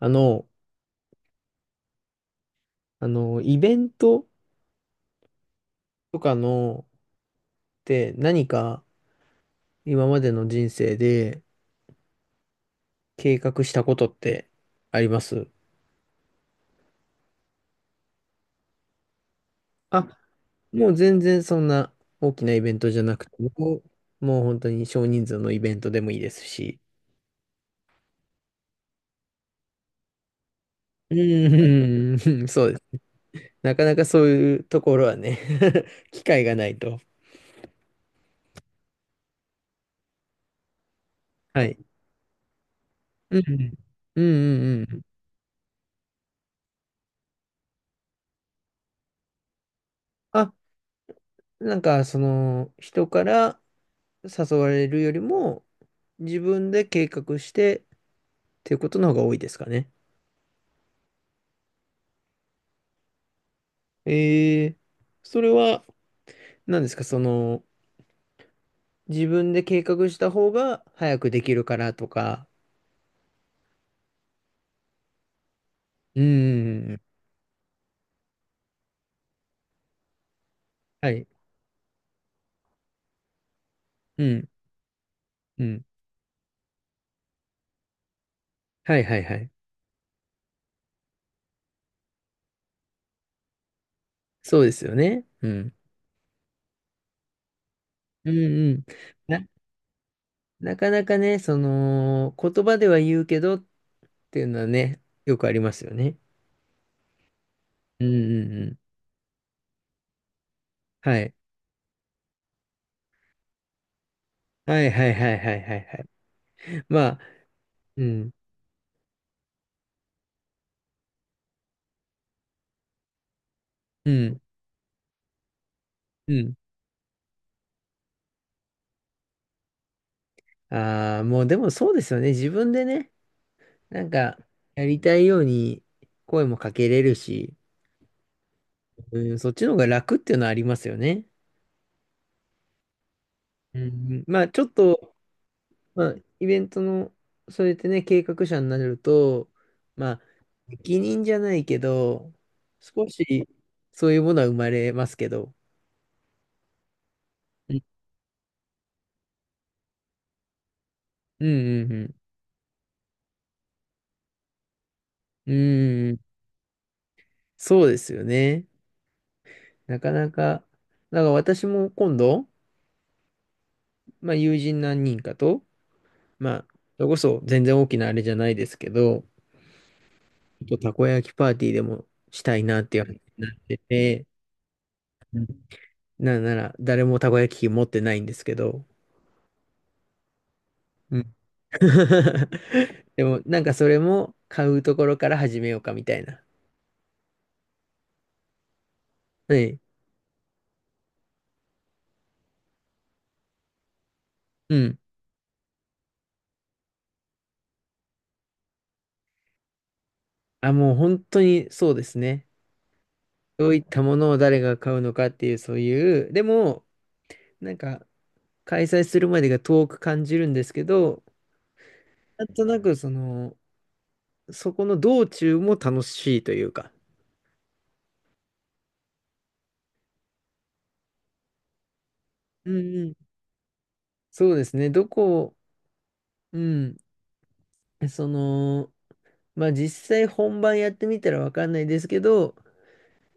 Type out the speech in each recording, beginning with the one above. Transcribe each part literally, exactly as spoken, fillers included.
あの、あの、イベントとかのって何か今までの人生で計画したことってあります？あ、もう全然そんな大きなイベントじゃなくても、もう本当に少人数のイベントでもいいですし。うん、うん、そうです。なかなかそういうところはね、 機会がないと。はい。うん、うん、うん。うんうん。あ、なんかその人から誘われるよりも、自分で計画してっていうことの方が多いですかね。えー、それは何ですかその、自分で計画した方が早くできるからとか。うーん。はい。うん。うん。はいはいはい。そうですよね。うん。うんうん。な、なかなかね、その、言葉では言うけどっていうのはね、よくありますよね。うんうんうん。はい。はいはいはいはいはいはい。まあ、うん。うん。うん。ああ、もうでもそうですよね。自分でね、なんか、やりたいように声もかけれるし、うん、そっちの方が楽っていうのはありますよね。うん、まあ、ちょっと、まあ、イベントの、そうやってね、計画者になると、まあ、責任じゃないけど、少し、そういうものは生まれますけど、うんうんうんうん。うん、そうですよね。なかなか、だから私も今度、まあ、友人何人かと、まあ、それこそ全然大きなあれじゃないですけど、ちょっとたこ焼きパーティーでもしたいなっていう話になってて、うん、なんなら誰もたこ焼き器持ってないんですけど、うん、 でもなんかそれも買うところから始めようかみたいな。はい。うん。あ、もう本当にそうですね。どういったものを誰が買うのかっていう、そういう、でも、なんか開催するまでが遠く感じるんですけど、なんとなくその、そこの道中も楽しいというか、うんうん。そうですね、どこ、うん、その、まあ実際本番やってみたらわかんないですけど、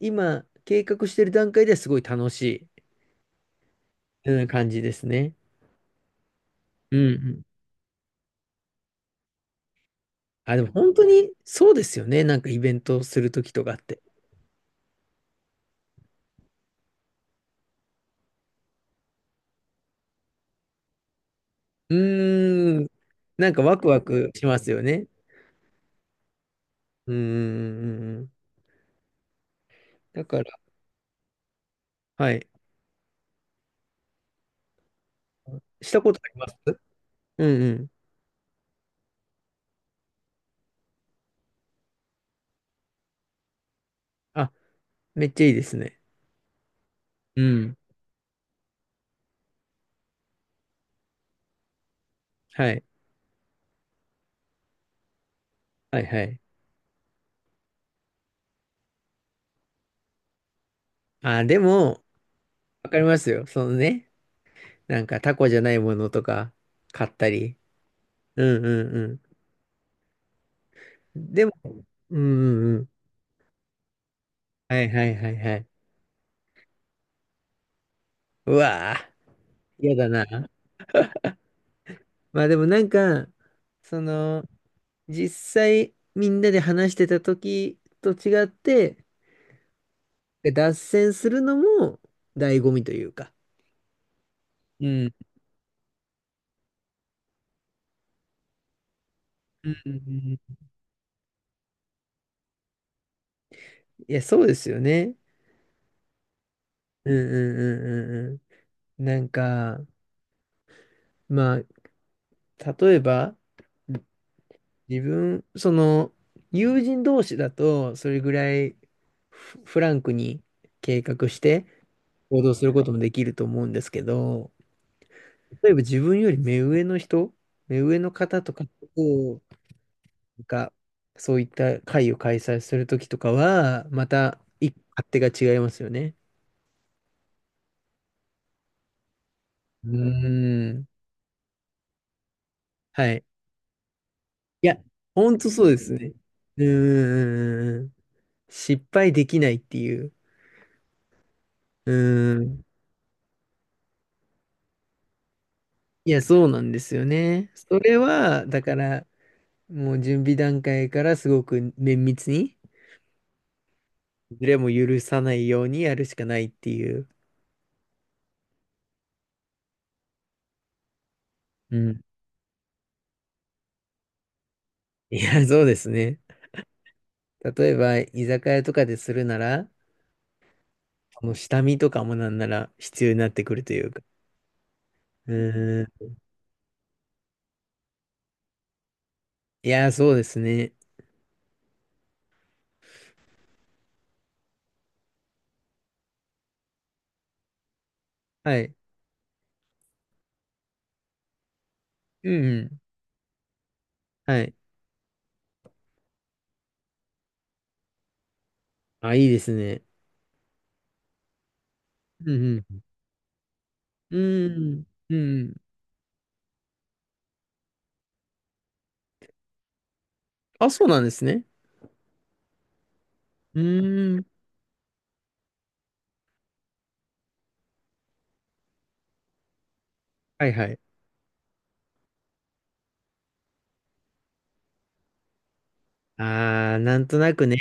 今計画してる段階ではすごい楽しい、うん、感じですね。うんうん。あ、でも本当にそうですよね、なんかイベントするときとかって。うーん、なんかワクワクしますよね。うんうんうんうん。だから、はい。したことあります？うんうん。あ、めっちゃいいですね。うん。はい。はいはい。あ、でも、わかりますよ。そのね、なんかタコじゃないものとか買ったり。うんうんうん。でも、うんうんうん。はいはいはいはい。うわぁ、嫌だな。まあでもなんか、その、実際みんなで話してた時と違って、脱線するのも醍醐味というか。うん。うんうんうん、いや、そうですよね。うんうんうんうんうん。なんか、まあ、例えば、自分、その、友人同士だと、それぐらいフフランクに計画して行動することもできると思うんですけど、例えば自分より目上の人、目上の方とかと、なんか、そういった会を開催するときとかは、また一勝手が違いますよね。うーん。はい。いや、ほんとそうですね。うーん。失敗できないっていう。うーん。いや、そうなんですよね。それは、だから、もう準備段階からすごく綿密に、ズレも許さないようにやるしかないっていう。うん。いや、そうですね。例えば、居酒屋とかでするなら、この下見とかもなんなら必要になってくるというか。うん。いや、そうですね。はい。うんうん。はい。あ、いいですね。うんうん。うんうん。あ、そうなんですね。うん。はいはい。ああ、なんとなくね。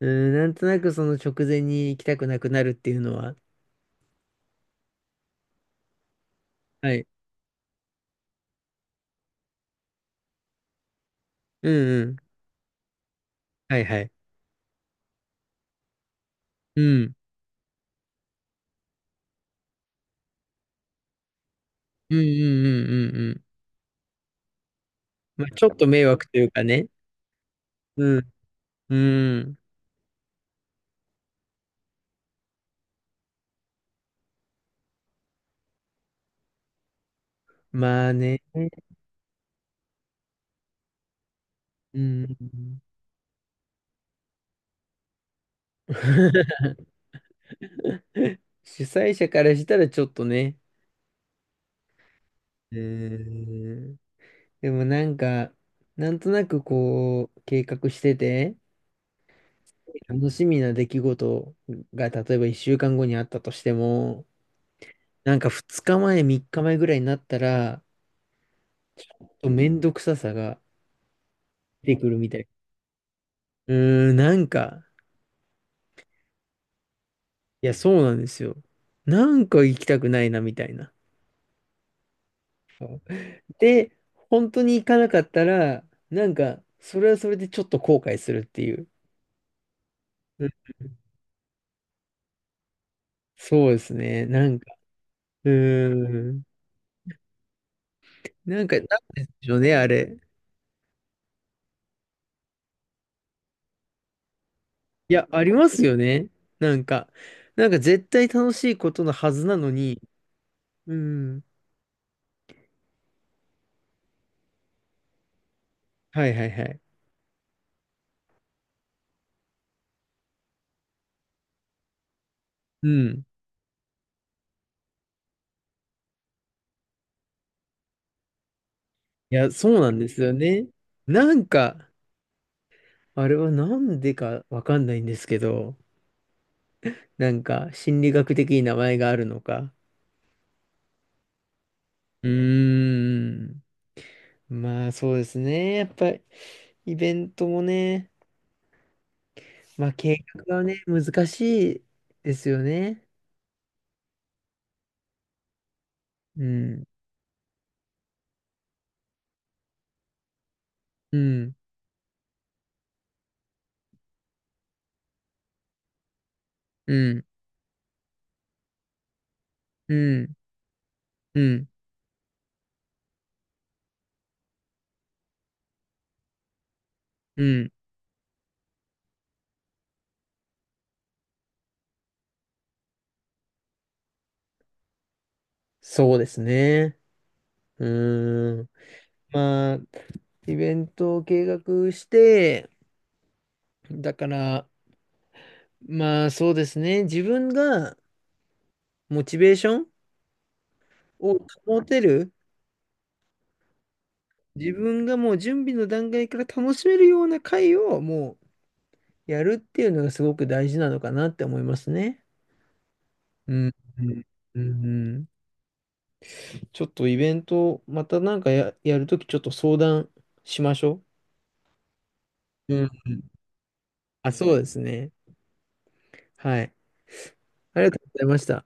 うん、なんとなくその直前に行きたくなくなるっていうのは。はい。うんうん。はいはい。うん。うんうんうんうんうん。まあ、ちょっと迷惑というかね。うん。うん。まあね。うん。主催者からしたらちょっとね。うーん。でもなんか、なんとなくこう、計画してて、楽しみな出来事が、例えばいっしゅうかんごにあったとしても、なんかふつかまえ、みっかまえぐらいになったら、とめんどくささが出てくるみたい。うーん、なんか、いや、そうなんですよ。なんか行きたくないな、みたいな。そうで、本当に行かなかったら、なんか、それはそれでちょっと後悔するっていう。うん、そうですね。なんか、うーん。なんか、なんでしょうね、あれ。いや、ありますよね。なんか、なんか絶対楽しいことのはずなのに、うん。はいはいはい。うん。いや、そうなんですよね。なんか、あれはなんでかわかんないんですけど、なんか心理学的に名前があるのか。うーん。まあそうですね。やっぱりイベントもね、まあ計画はね、難しいですよね。うん。うん。うん。うん。うん。うん。そうですね。うーん。まあ、イベントを計画して、だから、まあそうですね。自分がモチベーションを保てる、自分がもう準備の段階から楽しめるような回をもうやるっていうのがすごく大事なのかなって思いますね。うん。うんうんうん、ちょっとイベント、またなんかや、やるときちょっと相談しましょう。うんうん。あ、そうですね。はい。ありがとうございました。